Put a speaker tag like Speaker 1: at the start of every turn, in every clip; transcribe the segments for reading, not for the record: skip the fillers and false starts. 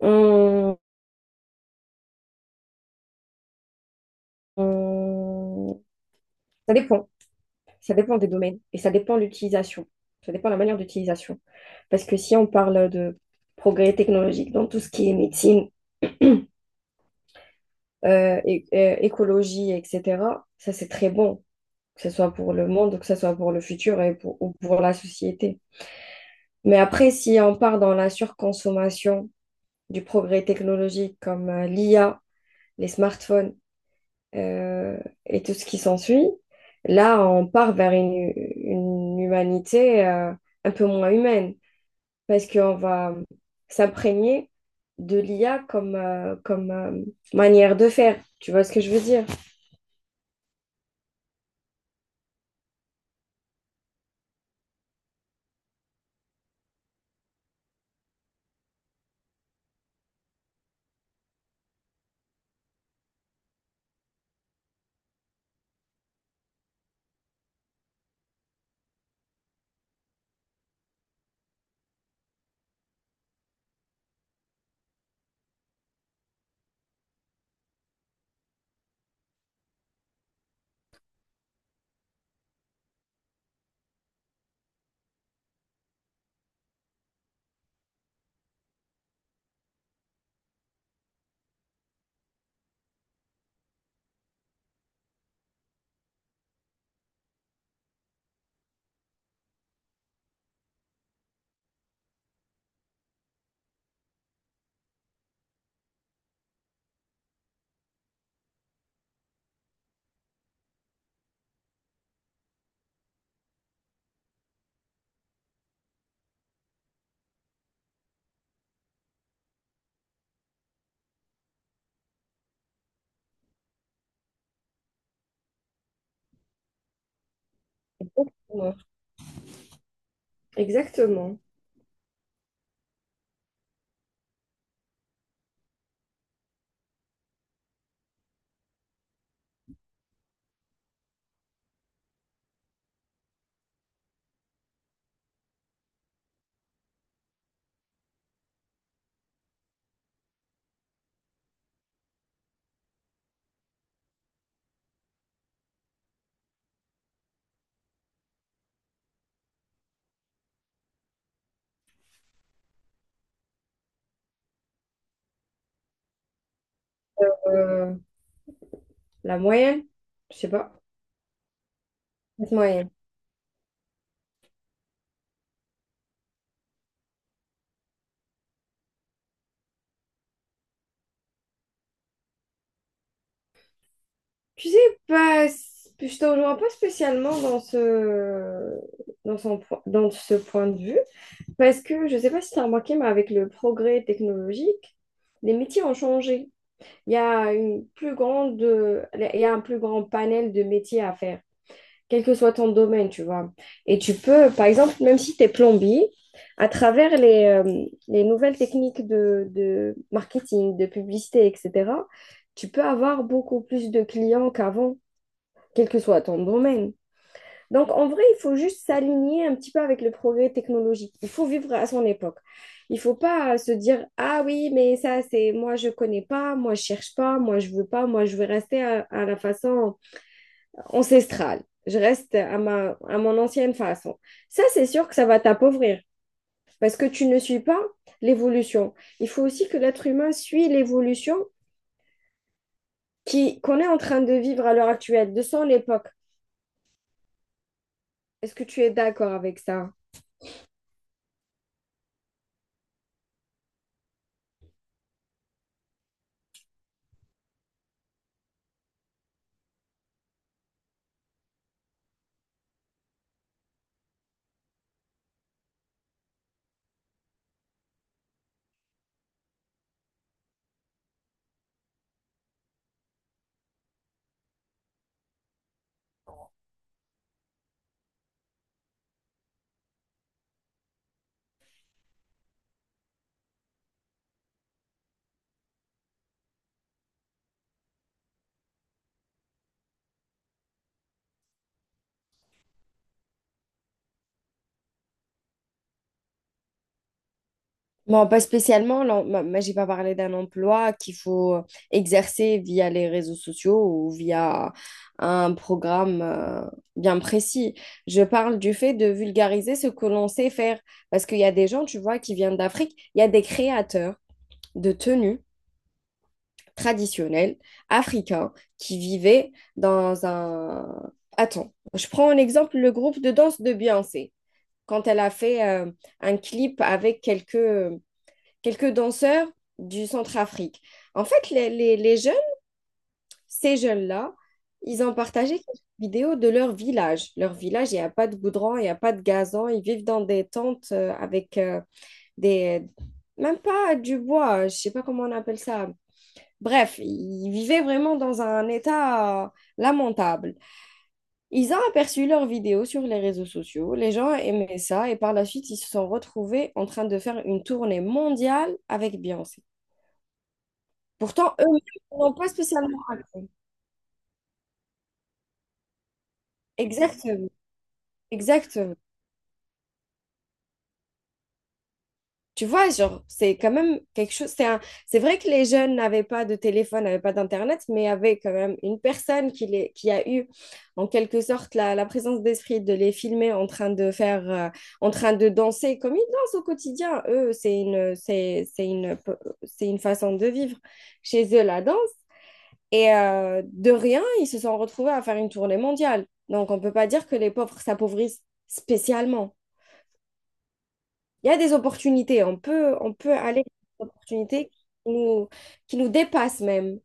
Speaker 1: On- on- Ça dépend. Ça dépend des domaines et ça dépend de l'utilisation. Ça dépend de la manière d'utilisation. Parce que si on parle de progrès technologique dans tout ce qui est médecine, écologie, etc., ça c'est très bon, que ce soit pour le monde, que ce soit pour le futur et pour, ou pour la société. Mais après, si on part dans la surconsommation du progrès technologique comme l'IA, les smartphones, euh, et tout ce qui s'ensuit. Là, on part vers une humanité un peu moins humaine parce qu'on va s'imprégner de l'IA comme manière de faire. Tu vois ce que je veux dire? Exactement. Exactement. Euh, la moyenne, je sais pas, cette moyenne. Tu sais, pas, je te rejoins pas spécialement dans ce, dans ce point de vue. Parce que je ne sais pas si tu as remarqué, mais avec le progrès technologique, les métiers ont changé. Il y a une plus il y a un plus grand panel de métiers à faire, quel que soit ton domaine, tu vois. Et tu peux, par exemple, même si tu es plombier, à travers les nouvelles techniques de marketing, de publicité, etc., tu peux avoir beaucoup plus de clients qu'avant, quel que soit ton domaine. Donc, en vrai, il faut juste s'aligner un petit peu avec le progrès technologique. Il faut vivre à son époque. Il ne faut pas se dire, ah oui, mais ça, c'est moi, je ne connais pas, moi, je ne cherche pas, moi, je ne veux pas, moi, je veux rester à la façon ancestrale. Je reste à mon ancienne façon. Ça, c'est sûr que ça va t'appauvrir parce que tu ne suis pas l'évolution. Il faut aussi que l'être humain suit l'évolution qu'on est en train de vivre à l'heure actuelle, de son époque. Est-ce que tu es d'accord avec ça? Non, pas spécialement. Non, moi, j'ai pas parlé d'un emploi qu'il faut exercer via les réseaux sociaux ou via un programme bien précis. Je parle du fait de vulgariser ce que l'on sait faire. Parce qu'il y a des gens, tu vois, qui viennent d'Afrique. Il y a des créateurs de tenues traditionnelles africains qui vivaient dans un… Attends, je prends en exemple le groupe de danse de Beyoncé. Quand elle a fait un clip avec quelques danseurs du Centrafrique. En fait, les jeunes, ces jeunes-là, ils ont partagé quelques vidéos de leur village. Leur village, il n'y a pas de goudron, il n'y a pas de gazon. Ils vivent dans des tentes avec des… Même pas du bois, je ne sais pas comment on appelle ça. Bref, ils vivaient vraiment dans un état lamentable. Ils ont aperçu leurs vidéos sur les réseaux sociaux, les gens aimaient ça et par la suite, ils se sont retrouvés en train de faire une tournée mondiale avec Beyoncé. Pourtant, eux-mêmes n'ont pas spécialement raté. Exactement, exactement. Tu vois, genre, c'est quand même quelque chose. C'est vrai que les jeunes n'avaient pas de téléphone, n'avaient pas d'Internet, mais avaient quand même une personne qui a eu, en quelque sorte, la présence d'esprit de les filmer en train de en train de danser comme ils dansent au quotidien. Eux, c'est une façon de vivre. Chez eux, la danse. Et de rien, ils se sont retrouvés à faire une tournée mondiale. Donc, on ne peut pas dire que les pauvres s'appauvrissent spécialement. Il y a des opportunités. On peut aller vers des opportunités qui nous dépassent même.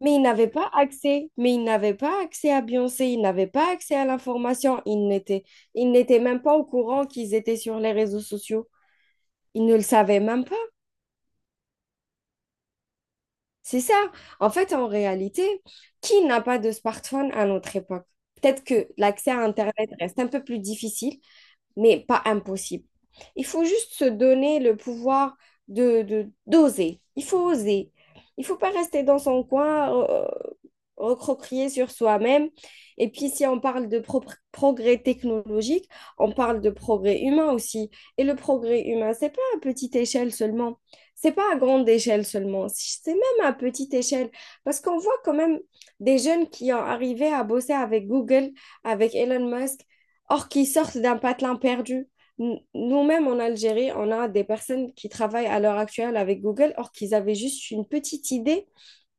Speaker 1: Mais ils n'avaient pas accès. Mais ils n'avaient pas accès à Beyoncé. Ils n'avaient pas accès à l'information. Ils n'étaient même pas au courant qu'ils étaient sur les réseaux sociaux. Ils ne le savaient même. C'est ça. En fait, en réalité, qui n'a pas de smartphone à notre époque? Peut-être que l'accès à Internet reste un peu plus difficile, mais pas impossible. Il faut juste se donner le pouvoir d'oser. Il faut oser. Il ne faut pas rester dans son coin, recroquer sur soi-même. Et puis, si on parle de progrès technologique, on parle de progrès humain aussi. Et le progrès humain, c'est pas à petite échelle seulement. C'est pas à grande échelle seulement. Si, c'est même à petite échelle. Parce qu'on voit quand même des jeunes qui ont arrivé à bosser avec Google, avec Elon Musk, or qui sortent d'un patelin perdu. Nous-mêmes en Algérie, on a des personnes qui travaillent à l'heure actuelle avec Google, or qu'ils avaient juste une petite idée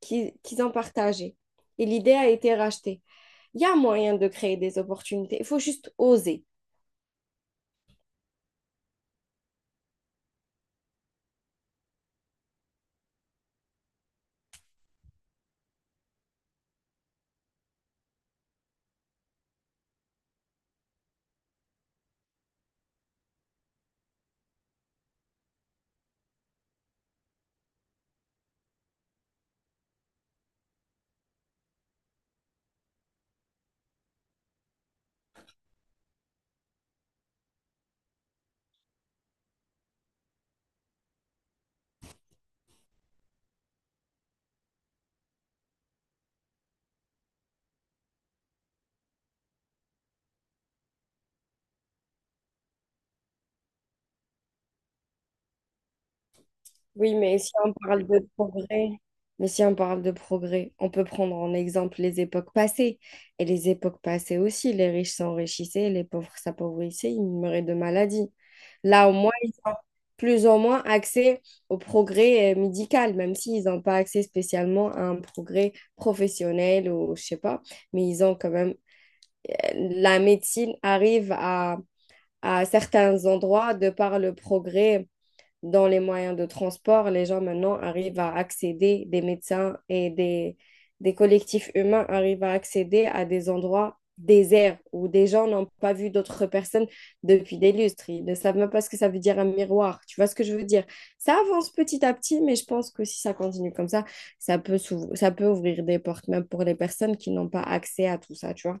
Speaker 1: qu'ils ont partagée. Et l'idée a été rachetée. Il y a moyen de créer des opportunités, il faut juste oser. Oui, mais si on parle de progrès, on peut prendre en exemple les époques passées. Et les époques passées aussi, les riches s'enrichissaient, les pauvres s'appauvrissaient, ils meuraient de maladies. Là, au moins, ils ont plus ou moins accès au progrès médical, même s'ils n'ont pas accès spécialement à un progrès professionnel ou je sais pas, mais ils ont quand même… La médecine arrive à certains endroits de par le progrès dans les moyens de transport, les gens maintenant arrivent à accéder, des médecins des collectifs humains arrivent à accéder à des endroits déserts où des gens n'ont pas vu d'autres personnes depuis des lustres. Ils ne savent même pas ce que ça veut dire un miroir. Tu vois ce que je veux dire? Ça avance petit à petit, mais je pense que si ça continue comme ça, ça peut ouvrir des portes même pour les personnes qui n'ont pas accès à tout ça, tu vois?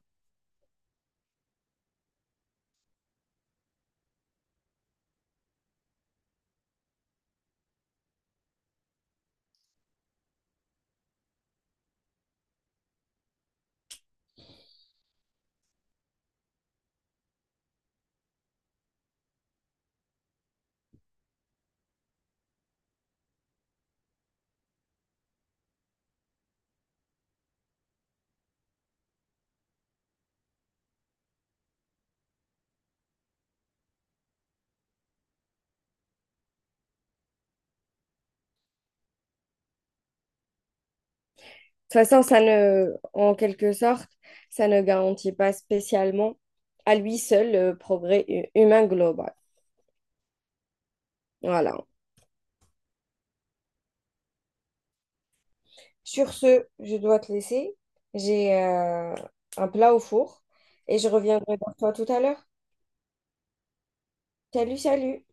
Speaker 1: De toute façon, ça ne, en quelque sorte, ça ne garantit pas spécialement à lui seul le progrès humain global. Voilà. Sur ce, je dois te laisser. J'ai un plat au four et je reviendrai vers toi tout à l'heure. Salut, salut!